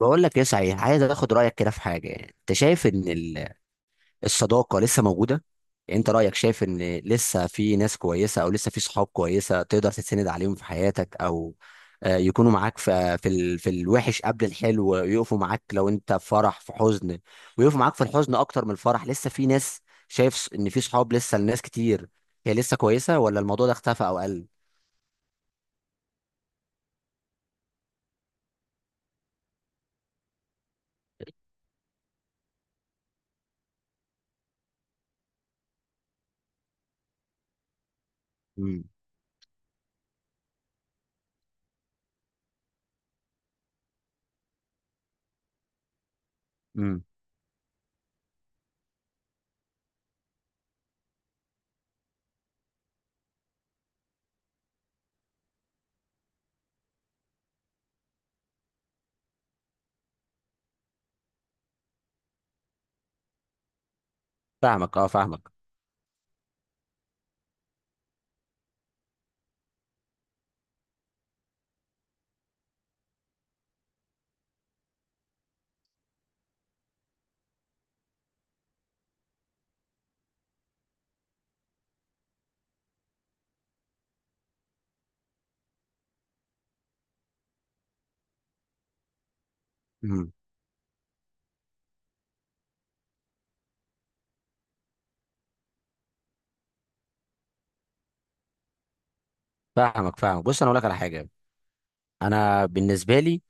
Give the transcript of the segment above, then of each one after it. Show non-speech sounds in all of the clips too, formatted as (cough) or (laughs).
بقول لك ايه صحيح، عايز اخد رايك كده في حاجه. يعني انت شايف ان الصداقه لسه موجوده؟ يعني انت رايك، شايف ان لسه في ناس كويسه او لسه في صحاب كويسه تقدر تتسند عليهم في حياتك، او يكونوا معاك في في في الوحش قبل الحلو، يقفوا معاك لو انت في فرح في حزن، ويقفوا معاك في الحزن اكتر من الفرح. لسه في ناس، شايف ان في صحاب لسه لناس كتير؟ هي لسه كويسه ولا الموضوع ده اختفى او قل؟ امم. امم. فاهمك، اه فاهمك. امم. فاهمك فاهمك. بص، انا اقول لك على حاجه. انا بالنسبه لي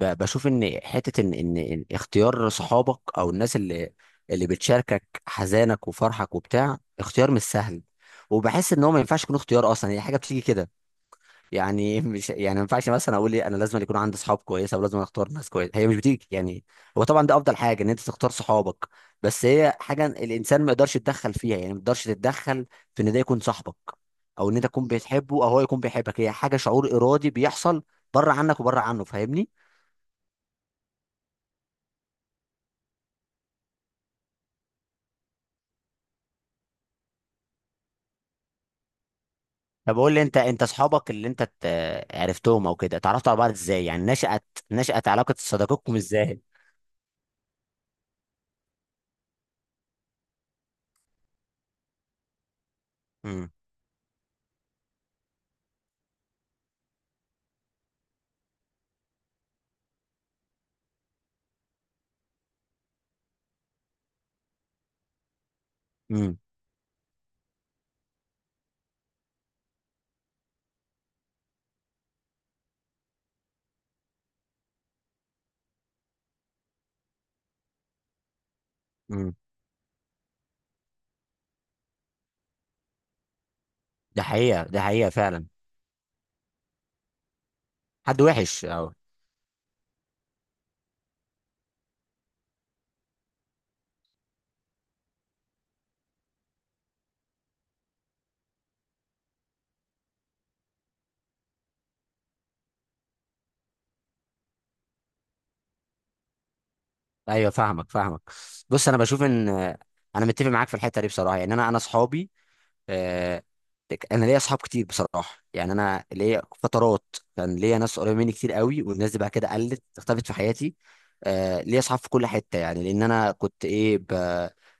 بشوف ان حته ان ان إن اختيار صحابك او الناس اللي بتشاركك حزانك وفرحك وبتاع اختيار مش سهل. وبحس ان هو ما ينفعش يكون اختيار اصلا، هي حاجه بتيجي كده. يعني (laughs) مش يعني ما ينفعش مثلا اقول إيه، انا لازم يكون عندي صحاب كويسه ولازم اختار ناس كويسه، هي مش بتيجي يعني. هو طبعا ده افضل حاجه ان انت تختار صحابك، بس هي حاجه الانسان ما يقدرش يتدخل فيها. يعني ما يقدرش تتدخل في ان ده يكون صاحبك او ان انت تكون بتحبه او هو يكون بيحبك، هي حاجه شعور ارادي بيحصل بره عنك وبره عنه، فاهمني؟ طب قول لي انت اصحابك اللي انت عرفتهم او كده، اتعرفتوا على بعض ازاي؟ يعني نشأت علاقة صداقتكم ازاي؟ امم. امم. امم. ده حقيقة، ده حقيقة فعلا. حد وحش او. ايوه فاهمك فاهمك. بص انا بشوف ان، انا متفق معاك في الحتة دي بصراحة. يعني انا اصحابي، آه، انا ليا اصحاب كتير بصراحه. يعني انا ليا فترات كان ليا ناس قريبه مني كتير قوي، والناس دي بعد كده قلت، اختفت في حياتي. ليا اصحاب في كل حته. يعني لان انا كنت ايه،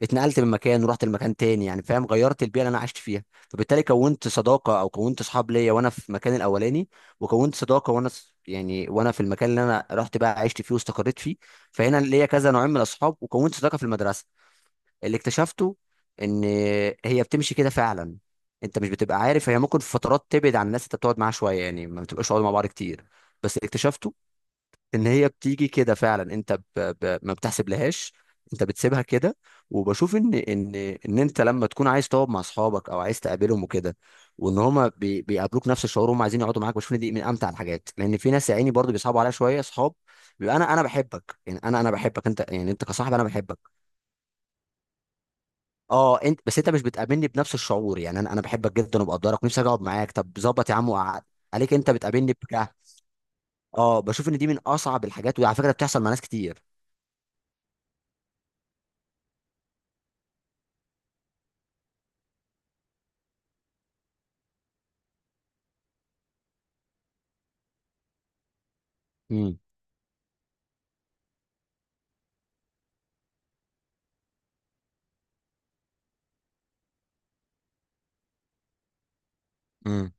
اتنقلت من مكان ورحت لمكان تاني. يعني فاهم، غيرت البيئه اللي انا عشت فيها. فبالتالي كونت صداقه او كونت اصحاب ليا وانا في المكان الاولاني، وكونت صداقه وانا يعني وانا في المكان اللي انا رحت بقى عشت فيه واستقريت فيه. فهنا ليا كذا نوعين من الاصحاب. وكونت صداقه في المدرسه. اللي اكتشفته ان هي بتمشي كده فعلا، انت مش بتبقى عارف. هي ممكن في فترات تبعد عن الناس، انت بتقعد معاها شويه، يعني ما بتبقاش قاعد مع بعض كتير. بس اللي اكتشفته ان هي بتيجي كده فعلا، انت ما بتحسب لهاش، انت بتسيبها كده. وبشوف ان انت لما تكون عايز تقعد مع اصحابك او عايز تقابلهم وكده، وان هما بيقابلوك نفس الشعور وهم عايزين يقعدوا معاك، بشوف ان دي من امتع الحاجات. لان في ناس يا عيني برضه بيصعبوا عليها شويه اصحاب. بيبقى انا بحبك، يعني انا بحبك انت، يعني انت كصاحب انا بحبك. اه انت، بس انت مش بتقابلني بنفس الشعور، يعني انا بحبك جدا وبقدرك ونفسي اجي اقعد معاك، طب ظبط يا عم وقعد عليك، انت بتقابلني بك. اه بشوف ان دي من اصعب الحاجات، وعلى فكره بتحصل مع ناس كتير. امم. امم.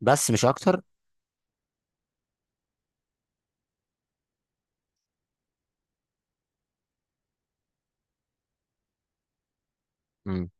بس مش اكتر. امم.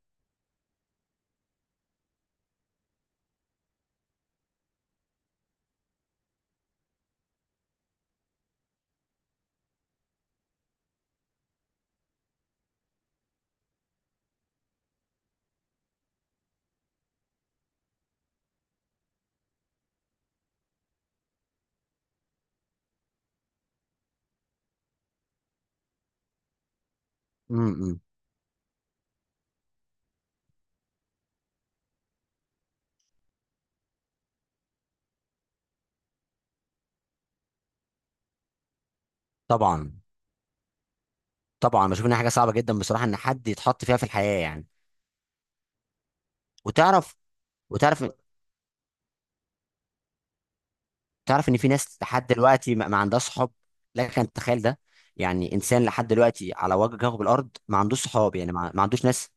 امم. طبعا، طبعا. بشوف انها حاجه صعبه جدا بصراحه ان حد يتحط فيها في الحياه يعني. وتعرف وتعرف تعرف ان في ناس لحد دلوقتي ما عندهاش صحاب. لك ان تتخيل ده؟ يعني انسان لحد دلوقتي على وجه كوكب الارض ما عندوش صحاب، يعني ما عندوش ناس.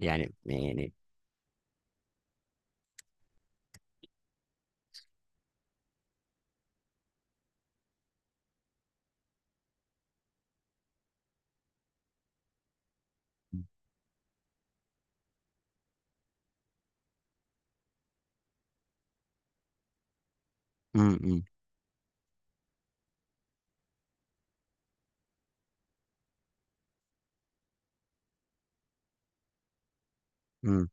يعني. امم. امم.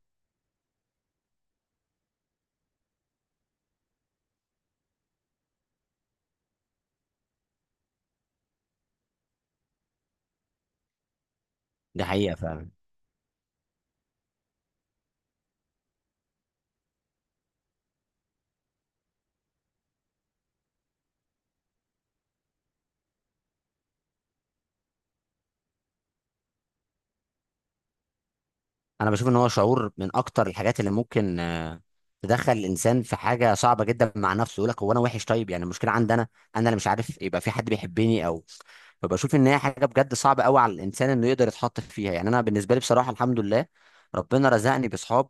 دي حقيقة فعلا. انا بشوف ان هو شعور من اكتر الحاجات اللي ممكن تدخل الانسان في حاجة صعبة جدا مع نفسه. يقول لك هو انا وحش، طيب يعني المشكلة عندي انا؟ انا اللي مش عارف يبقى في حد بيحبني او. فبشوف ان هي حاجة بجد صعبة قوي على الانسان انه يقدر يتحط فيها. يعني انا بالنسبة لي بصراحة، الحمد لله ربنا رزقني بصحاب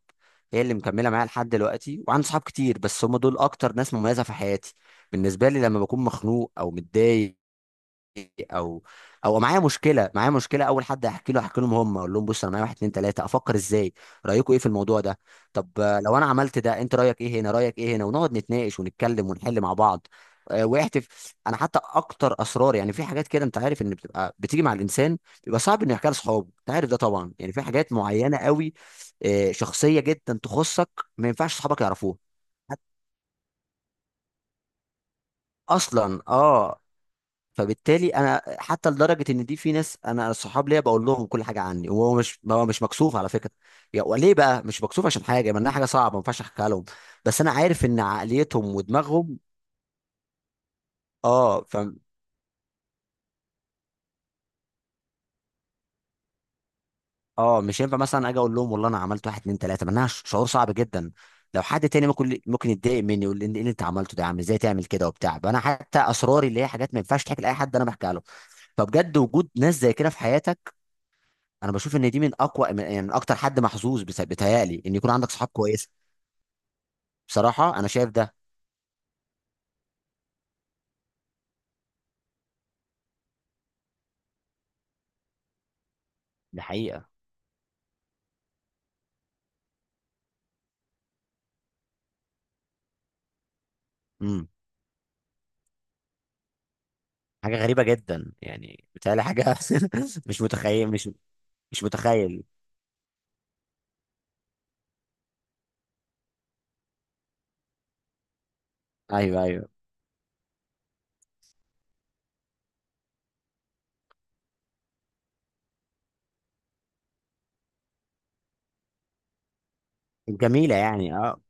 هي اللي مكملة معايا لحد دلوقتي. وعندي صحاب كتير، بس هم دول اكتر ناس مميزة في حياتي. بالنسبة لي لما بكون مخنوق او متضايق، او او معايا مشكله، اول حد احكي لهم، هم اقول لهم بص انا معايا واحد اتنين تلاته، افكر ازاي؟ رايكم ايه في الموضوع ده؟ طب لو انا عملت ده انت رايك ايه هنا، رايك ايه هنا، ونقعد نتناقش ونتكلم ونحل مع بعض. واحتف انا حتى اكتر اسرار، يعني في حاجات كده انت عارف ان بتبقى بتيجي مع الانسان، بيبقى صعب انه يحكيها لاصحابه. انت عارف ده طبعا. يعني في حاجات معينه قوي، شخصيه جدا تخصك، ما ينفعش صحابك يعرفوها اصلا، اه. فبالتالي انا حتى لدرجه ان دي في ناس انا صحاب ليا بقول لهم كل حاجه عني، وهو مش مكسوف على فكره. يا وليه بقى مش مكسوف؟ عشان حاجه ما انها حاجه صعبه ما ينفعش احكيها لهم، بس انا عارف ان عقليتهم ودماغهم. اه ف اه مش هينفع مثلا اجي اقول لهم والله انا عملت واحد اتنين تلاته، ما انها شعور صعب جدا. لو حد تاني ممكن يتضايق مني يقول لي ايه اللي انت عملته ده يا عم، ازاي تعمل كده وبتاع. فانا حتى اسراري اللي هي حاجات ما ينفعش تحكي لاي حد انا بحكيها له. فبجد وجود ناس زي كده في حياتك، انا بشوف ان دي من اقوى من يعني من اكتر، حد محظوظ بيتهيألي ان يكون عندك صحاب كويسه. بصراحه انا شايف ده. دي حقيقه. امم. حاجه غريبه جدا، يعني بيتهيألي حاجه (laughs) مش متخيل مش مش متخيل. ايوه ايوه. جميله يعني اه.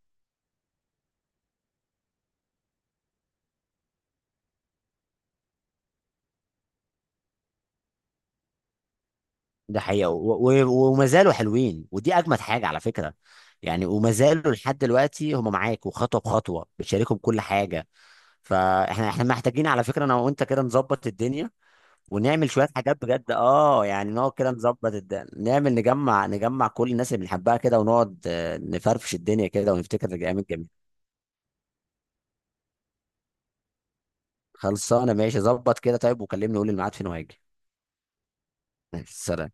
ده حقيقه، وما زالوا حلوين، ودي اجمد حاجه على فكره. يعني وما زالوا لحد دلوقتي هم معاك، وخطوه بخطوه بتشاركهم كل حاجه. فاحنا محتاجين على فكره انا وانت كده نظبط الدنيا، ونعمل شويه حاجات بجد اه. يعني نقعد كده نظبط الد... نعمل نجمع كل الناس اللي بنحبها كده، ونقعد نفرفش الدنيا كده ونفتكر الايام الجميله. خلصانه ماشي، ظبط كده. طيب وكلمني قول الميعاد فين وهاجي. (laughs) سلام.